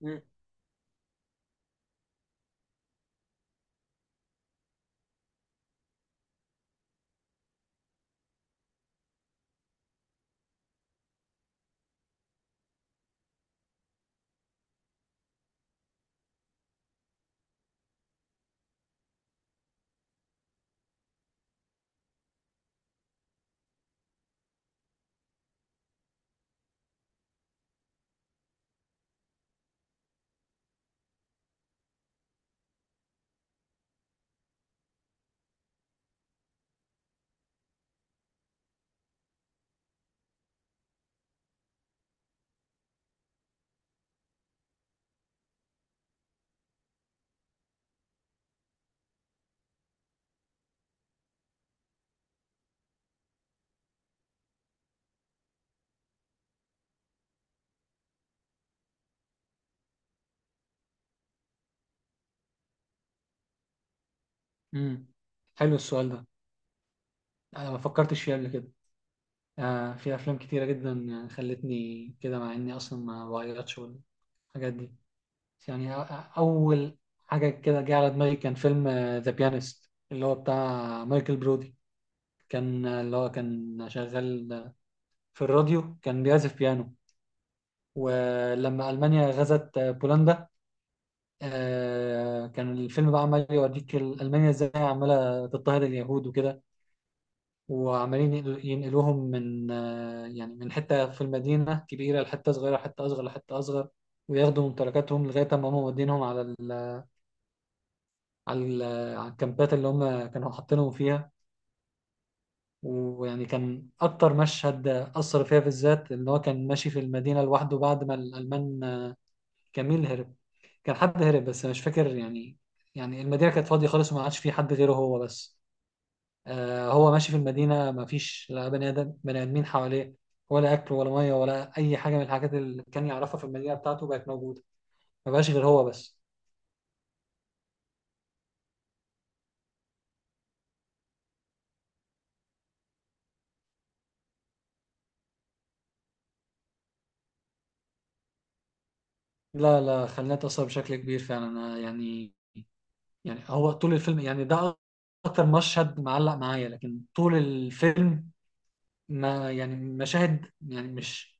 مم. مم. حلو السؤال ده. انا ما فكرتش فيه قبل كده. في افلام كتيره جدا خلتني كده، مع اني اصلا ما بغيرتش والحاجات دي. يعني أ- أ- اول حاجه كده جه على دماغي كان فيلم ذا بيانست، اللي هو بتاع مايكل برودي. كان اللي هو كان شغال في الراديو، كان بيعزف بيانو. ولما المانيا غزت بولندا، كان الفيلم بقى عمال يوريك المانيا ازاي عماله تضطهد اليهود وكده، وعمالين ينقلوهم من من حتة في المدينة كبيرة لحتة صغيرة، حتة أصغر لحتة أصغر، وياخدوا ممتلكاتهم لغاية ما هم مودينهم على ال على ال على الكامبات اللي هم كانوا حاطينهم فيها. كان أكتر مشهد أثر فيها بالذات إن هو كان ماشي في المدينة لوحده بعد ما الألمان. جميل هرب، كان حد هرب بس أنا مش فاكر يعني. المدينة كانت فاضية خالص وما عادش فيه حد غيره هو بس. هو ماشي في المدينة، مفيش لا بني آدم بني آدمين حواليه، ولا أكل ولا مية ولا أي حاجة من الحاجات اللي كان يعرفها في المدينة بتاعته بقت موجودة. ما بقاش غير هو بس. لا لا، خلاني أتأثر بشكل كبير فعلا. أنا هو طول الفيلم، يعني ده أكتر مشهد معلق معايا، لكن طول الفيلم ما يعني مشاهد يعني مش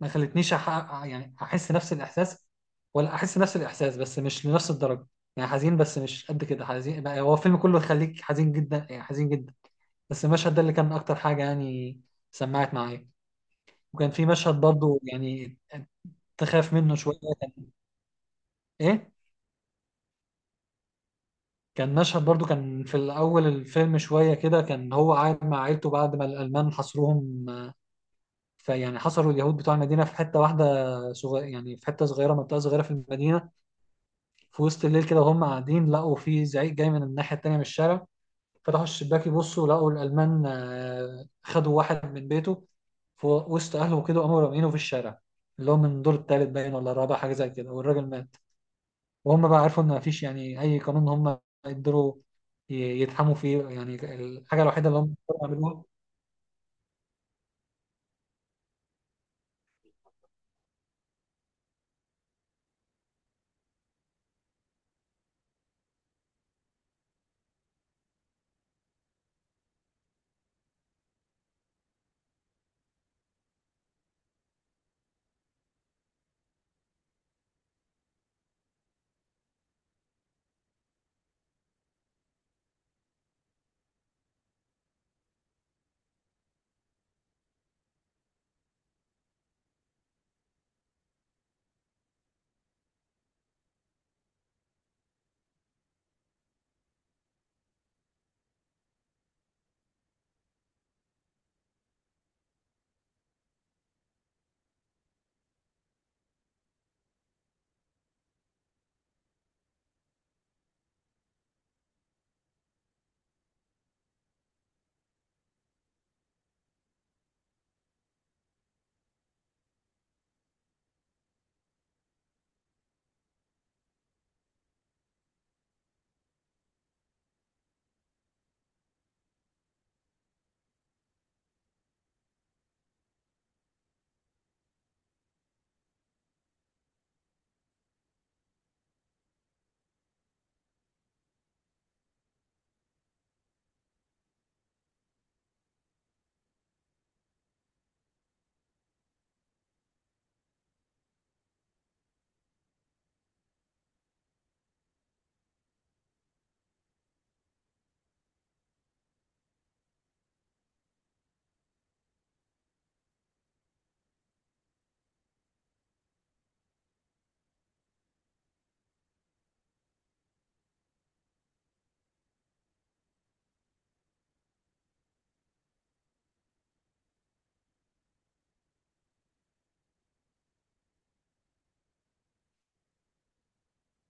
ما خلتنيش أح... يعني احس نفس الاحساس، ولا احس نفس الاحساس بس مش لنفس الدرجه. يعني حزين، بس مش قد كده حزين. بقى هو الفيلم كله يخليك حزين جدا، يعني حزين جدا، بس المشهد ده اللي كان اكتر حاجه يعني سمعت معايا. وكان في مشهد برضو يعني تخاف منه شويه. كان ايه؟ كان مشهد برضو، كان في الاول الفيلم شويه كده. كان هو قاعد مع عيلته بعد ما الالمان حصروهم، فيعني حصروا اليهود بتوع المدينة في حتة واحدة صغيرة، يعني في حتة صغيرة منطقة صغيرة في المدينة. في وسط الليل كده وهم قاعدين، لقوا في زعيق جاي من الناحية التانية من الشارع. فتحوا الشباك يبصوا، لقوا الألمان خدوا واحد من بيته في وسط أهله كده، وقاموا رامينه في الشارع، اللي هو من الدور التالت باين ولا الرابع حاجة زي كده، والراجل مات. وهم بقى عرفوا إن مفيش يعني أي قانون هم يقدروا ي- يتحموا فيه. يعني الحاجة الوحيدة اللي هم يقدروا يعملوها.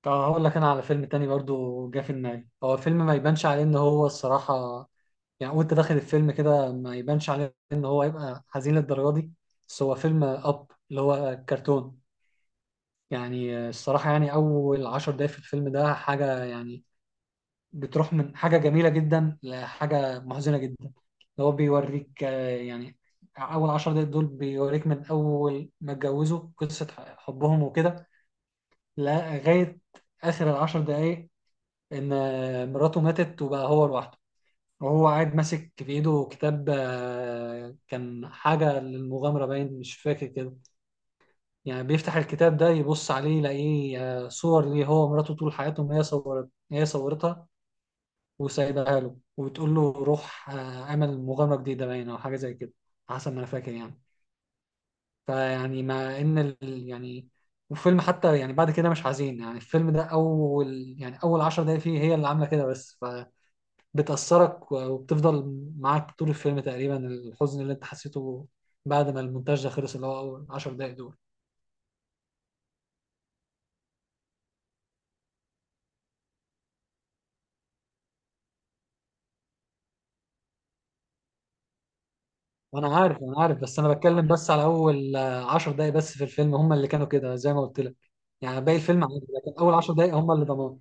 طب هقول لك انا على فيلم تاني برضو جه في دماغي. هو فيلم ما يبانش عليه ان هو الصراحه، يعني وانت داخل الفيلم كده ما يبانش عليه ان هو هيبقى حزين للدرجه دي. بس هو فيلم اب اللي هو كرتون. يعني الصراحه، يعني اول عشر دقايق في الفيلم ده حاجه يعني بتروح من حاجه جميله جدا لحاجه محزنه جدا. اللي هو بيوريك اول عشر دقايق دول بيوريك من اول ما اتجوزوا قصه حبهم وكده لغايه اخر العشر دقايق، ان مراته ماتت وبقى هو لوحده. وهو قاعد ماسك في ايده كتاب، كان حاجة للمغامرة باين، مش فاكر كده يعني. بيفتح الكتاب ده يبص عليه يلاقيه صور ليه هو ومراته طول حياتهم. هي صورتها وسايبها له وبتقول له روح، اعمل مغامرة جديدة باين، او حاجة زي كده حسب ما انا فاكر يعني. فيعني مع ان ال... يعني والفيلم حتى يعني بعد كده مش حزين. يعني الفيلم ده اول 10 دقايق فيه هي اللي عامله كده، بس بتأثرك وبتفضل معاك طول الفيلم تقريبا الحزن اللي انت حسيته بعد ما المونتاج ده خلص، اللي هو أول 10 دقايق دول. وأنا عارف، أنا عارف بس أنا بتكلم بس على أول 10 دقايق بس في الفيلم، هم اللي كانوا كده زي ما قلت لك. يعني باقي الفيلم عادي، لكن أول 10 دقايق هم اللي ضمان.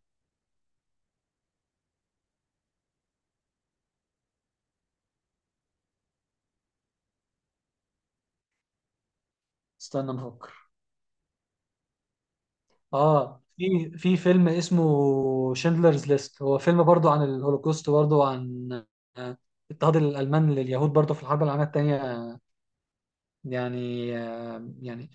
استنى نفكر. آه في فيلم اسمه شندلرز ليست، هو فيلم برضو عن الهولوكوست، برضو عن آه، اضطهاد الألمان لليهود برضو في الحرب العالمية التانية. يعني آه، يعني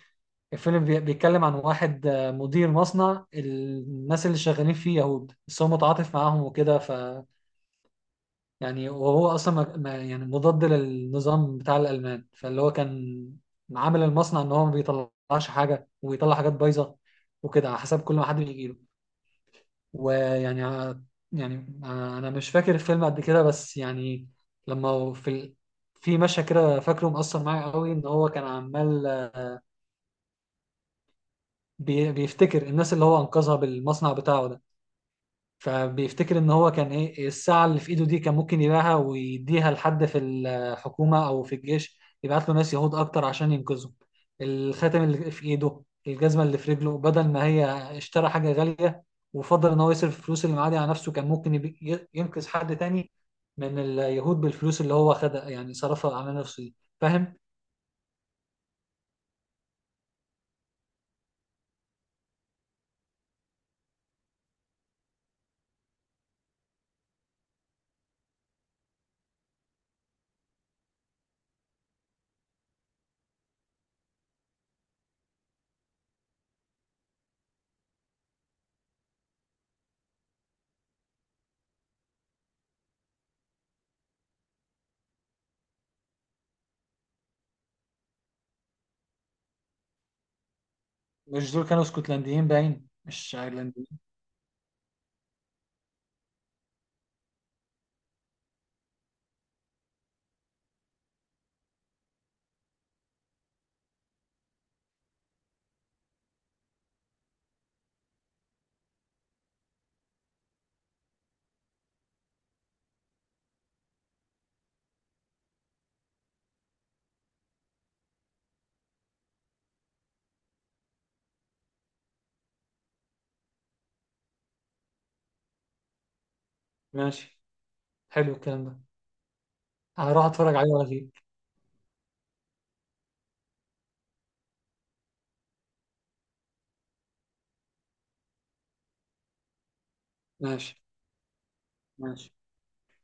الفيلم بيتكلم عن واحد مدير مصنع، الناس اللي شغالين فيه يهود بس هو متعاطف معاهم وكده. ف يعني وهو اصلا مضاد للنظام بتاع الالمان، فاللي هو كان عامل المصنع ان هو ما بيطلعش حاجه، ويطلع حاجات بايظه وكده على حسب كل ما حد بيجيله. ويعني ع- يعني آه، انا مش فاكر الفيلم قد كده، بس لما في ال... في مشهد كده فاكره مؤثر معايا قوي، ان هو كان عمال بيفتكر الناس اللي هو انقذها بالمصنع بتاعه ده. فبيفتكر ان هو كان ايه، الساعة اللي في ايده دي كان ممكن يبيعها ويديها لحد في الحكومة او في الجيش يبعت له ناس يهود اكتر عشان ينقذهم. الخاتم اللي في ايده، الجزمة اللي في رجله، بدل ما هي اشترى حاجة غالية وفضل ان هو يصرف الفلوس اللي معاه دي على نفسه، كان ممكن ينقذ حد تاني من اليهود بالفلوس اللي هو خدها يعني صرفها على نفسه دي. فاهم؟ مش دول كانوا اسكتلنديين باين مش ايرلنديين؟ ماشي. حلو الكلام ده. هروح اتفرج عليه واجيب. ماشي ماشي.